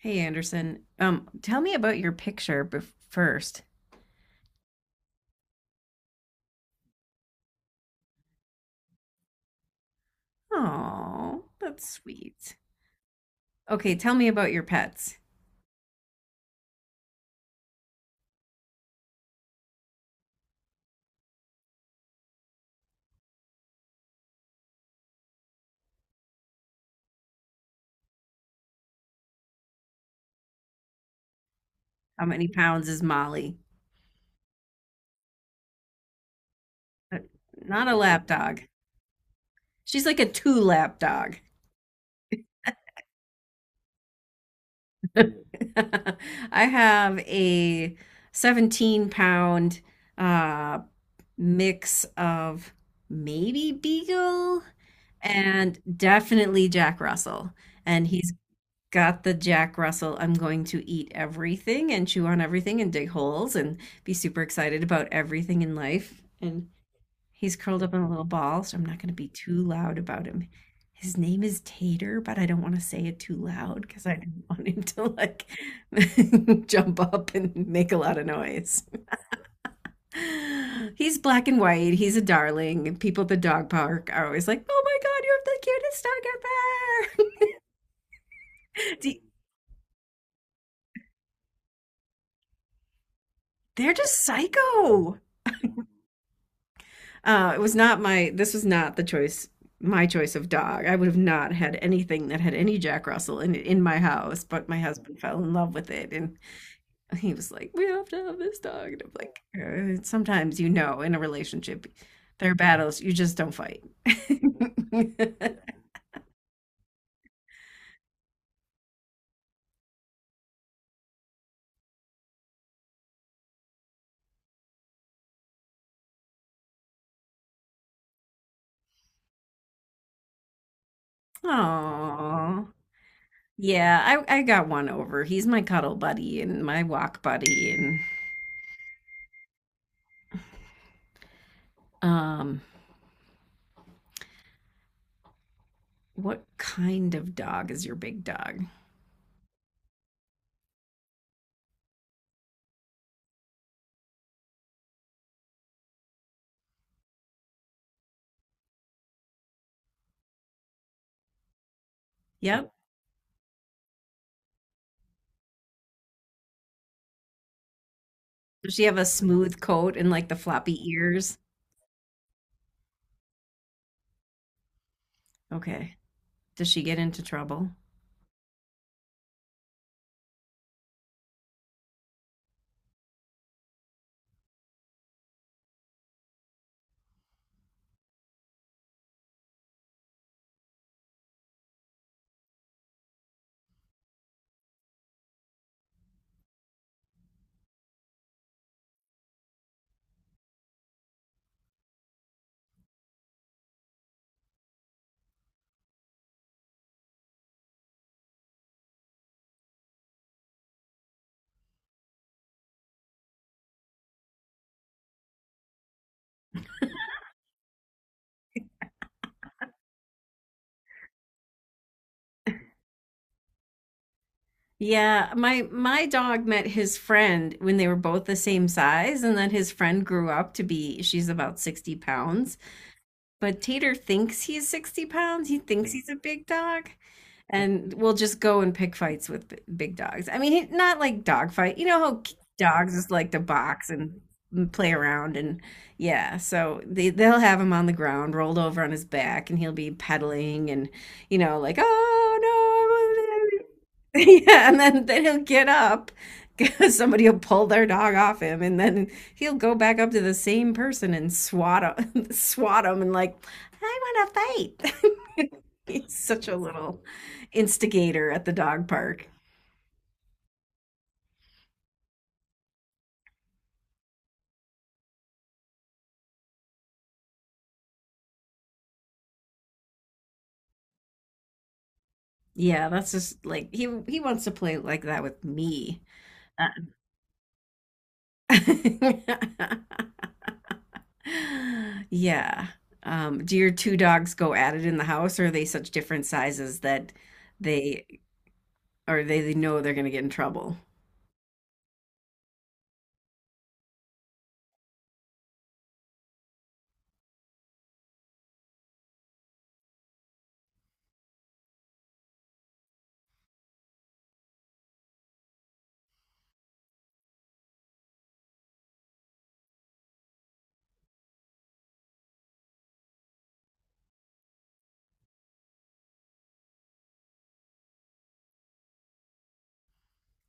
Hey Anderson, tell me about your picture bef first. Oh, that's sweet. Okay, tell me about your pets. How many pounds is Molly? Uh, Not a lap dog. She's like a two lap dog. I have a 17 pound uh mix of maybe Beagle and definitely Jack Russell. And he's got the Jack Russell, I'm going to eat everything and chew on everything and dig holes and be super excited about everything in life. And he's curled up in a little ball, so I'm not going to be too loud about him. His name is Tater, but I don't want to say it too loud because I don't want him to like jump up and make a lot of noise. He's black and white. He's a darling. And People at the dog park are always like, "Oh my God, you have the cutest dog ever!" They're just psycho. It was not my. This was not the choice. My choice of dog. I would have not had anything that had any Jack Russell in my house, but my husband fell in love with it, and he was like, "We have to have this dog." And I'm like, "Sometimes, you know, in a relationship, there are battles you just don't fight." Aww. Yeah, I got one over. He's my cuddle buddy and my walk buddy. And um, what kind of dog is your big dog? Yep. Does she have a smooth coat and like the floppy ears? Okay. Does she get into trouble? Yeah, my dog met his friend when they were both the same size, and then his friend grew up to be she's about 60 pounds, but Tater thinks he's 60 pounds. He thinks he's a big dog, and we will just go and pick fights with big dogs. I mean, not like dog fight. You know how dogs just like to box and play around and yeah. So they'll have him on the ground, rolled over on his back, and he'll be pedaling and, you know, like, oh no. Yeah, and then he'll get up because somebody will pull their dog off him, and then he'll go back up to the same person and swat him, swat him, and like, I want to fight. He's such a little instigator at the dog park. Yeah, that's just like he wants to play like that with me. Uh, Yeah. Do your two dogs go at it in the house, or are they such different sizes that they? they know they're going to get in trouble.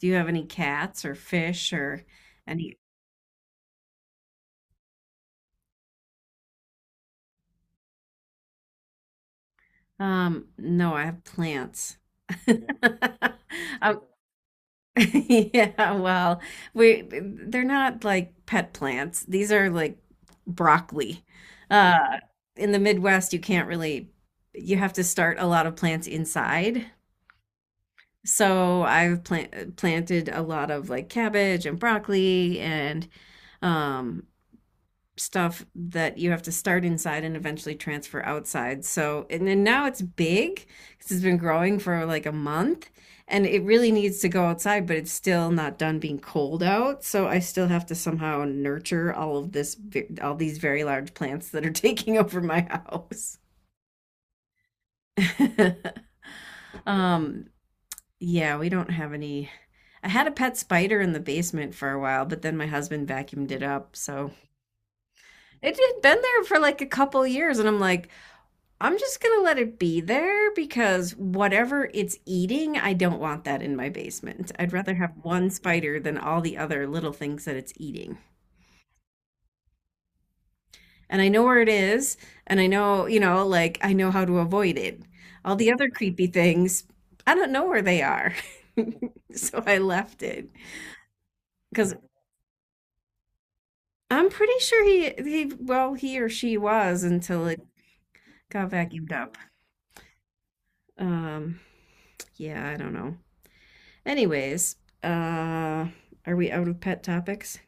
Do you have any cats or fish or any? No, I have plants. Um, yeah, well, we they're not like pet plants. These are like broccoli. Uh, in the Midwest, you can't really, you have to start a lot of plants inside. So planted a lot of like cabbage and broccoli and um stuff that you have to start inside and eventually transfer outside. So, and then now it's big because it's been growing for like a month and it really needs to go outside, but it's still not done being cold out. So I still have to somehow nurture all these very large plants that are taking over my house. um, yeah, we don't have any. I had a pet spider in the basement for a while, but then my husband vacuumed it up. So it had been there for like a couple years, and I'm like, I'm just going to let it be there because whatever it's eating, I don't want that in my basement. I'd rather have one spider than all the other little things that it's eating. And I know where it is, and I know, you know, like, I know how to avoid it. All the other creepy things, I don't know where they are. So I left it because I'm pretty sure he well, he or she was until it got vacuumed up. Um, yeah, I don't know. Anyways, uh, are we out of pet topics?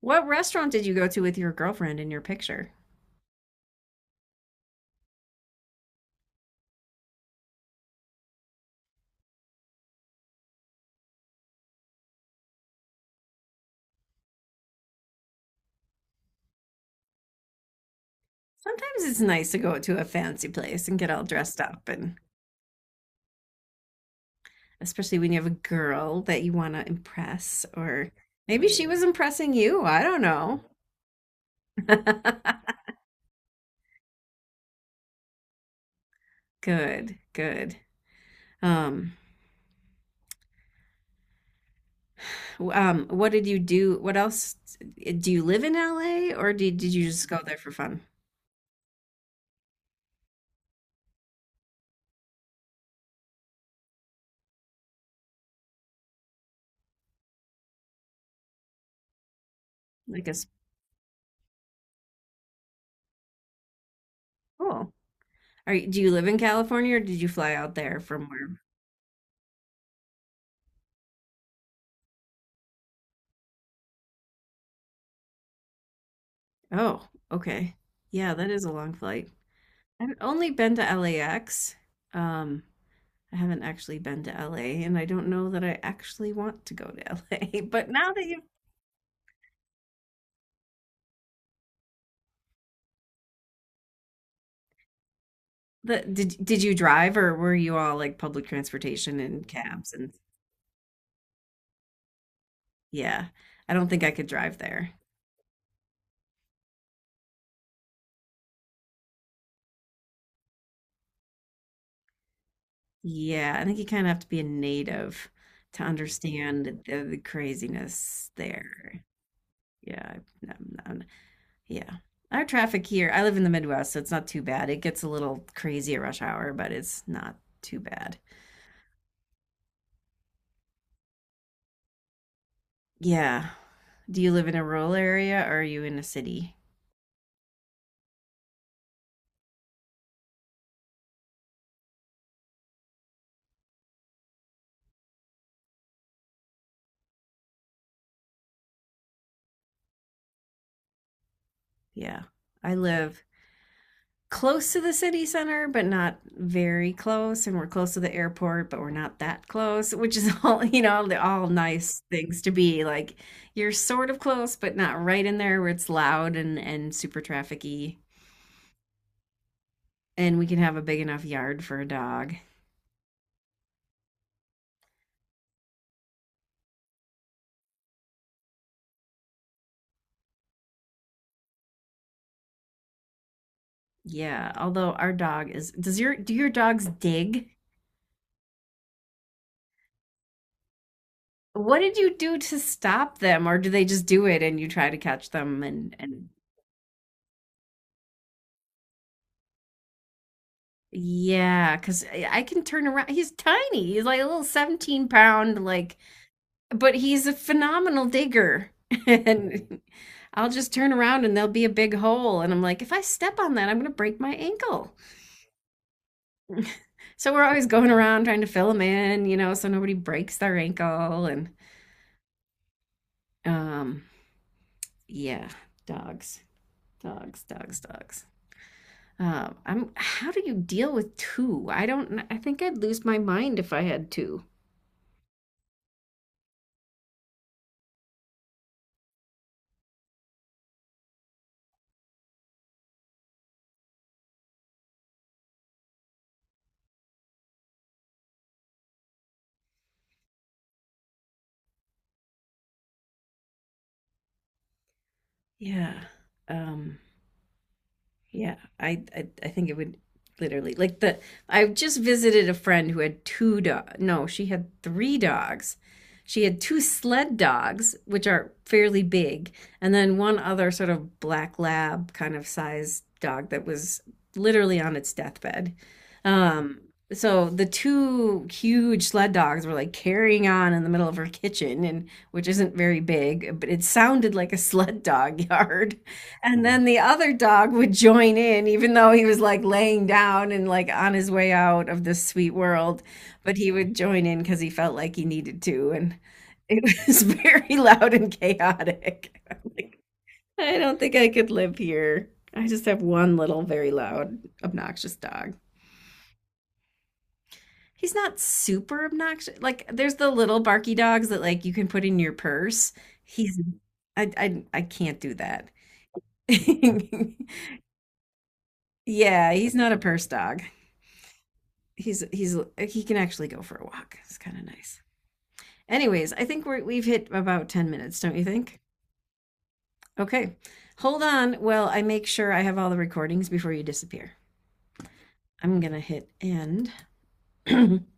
What restaurant did you go to with your girlfriend in your picture? Sometimes it's nice to go to a fancy place and get all dressed up, and especially when you have a girl that you want to impress, or maybe she was impressing you. I don't know. Good, good. Um, what did you do? What else? Do you live in LA, or did you just go there for fun? Like a school? Do you live in California, or did you fly out there from where? Oh, okay. Yeah, that is a long flight. I've only been to LAX. Um, I haven't actually been to LA, and I don't know that I actually want to go to LA. But now that you the did you drive or were you all like public transportation and cabs and yeah, I don't think I could drive there. Yeah, I think you kind of have to be a native to understand the craziness there. Yeah, I- no, no. Yeah. Our traffic here, I live in the Midwest, so it's not too bad. It gets a little crazy at rush hour, but it's not too bad. Yeah. Do you live in a rural area or are you in a city? Yeah. I live close to the city center, but not very close. And we're close to the airport, but we're not that close, which is all, you know, all nice things to be. Like, you're sort of close, but not right in there where it's loud and super trafficy. And we can have a big enough yard for a dog. Yeah, although does your do your dogs dig? What did you do to stop them, or do they just do it and you try to catch them and yeah, because I can turn around. He's tiny. He's like a little 17 pound, like, but he's a phenomenal digger. And I'll just turn around and there'll be a big hole. And I'm like, if I step on that, I'm gonna break my ankle. So we're always going around trying to fill them in, you know, so nobody breaks their ankle. And um, yeah, dogs. Dogs, dogs, dogs. I'm. How do you deal with two? I don't. I think I'd lose my mind if I had two. Yeah. Um. Yeah, I think it would literally like the I just visited a friend who had two dog. No, she had three dogs. She had two sled dogs, which are fairly big, and then one other sort of black lab kind of size dog that was literally on its deathbed. Um, so the two huge sled dogs were like carrying on in the middle of her kitchen, and which isn't very big, but it sounded like a sled dog yard. And then the other dog would join in, even though he was like laying down and like on his way out of this sweet world. But he would join in because he felt like he needed to. And it was very loud and chaotic. I'm like, I don't think I could live here. I just have one little, very loud, obnoxious dog. He's not super obnoxious. Like, there's the little barky dogs that like you can put in your purse. He's, I can't do that. Yeah, he's not a purse dog. he's he's he can actually go for a walk. It's kind of nice. Anyways, I think we've hit about 10 minutes, don't you think? Okay. Hold on while I make sure I have all the recordings before you disappear. I'm going to hit end.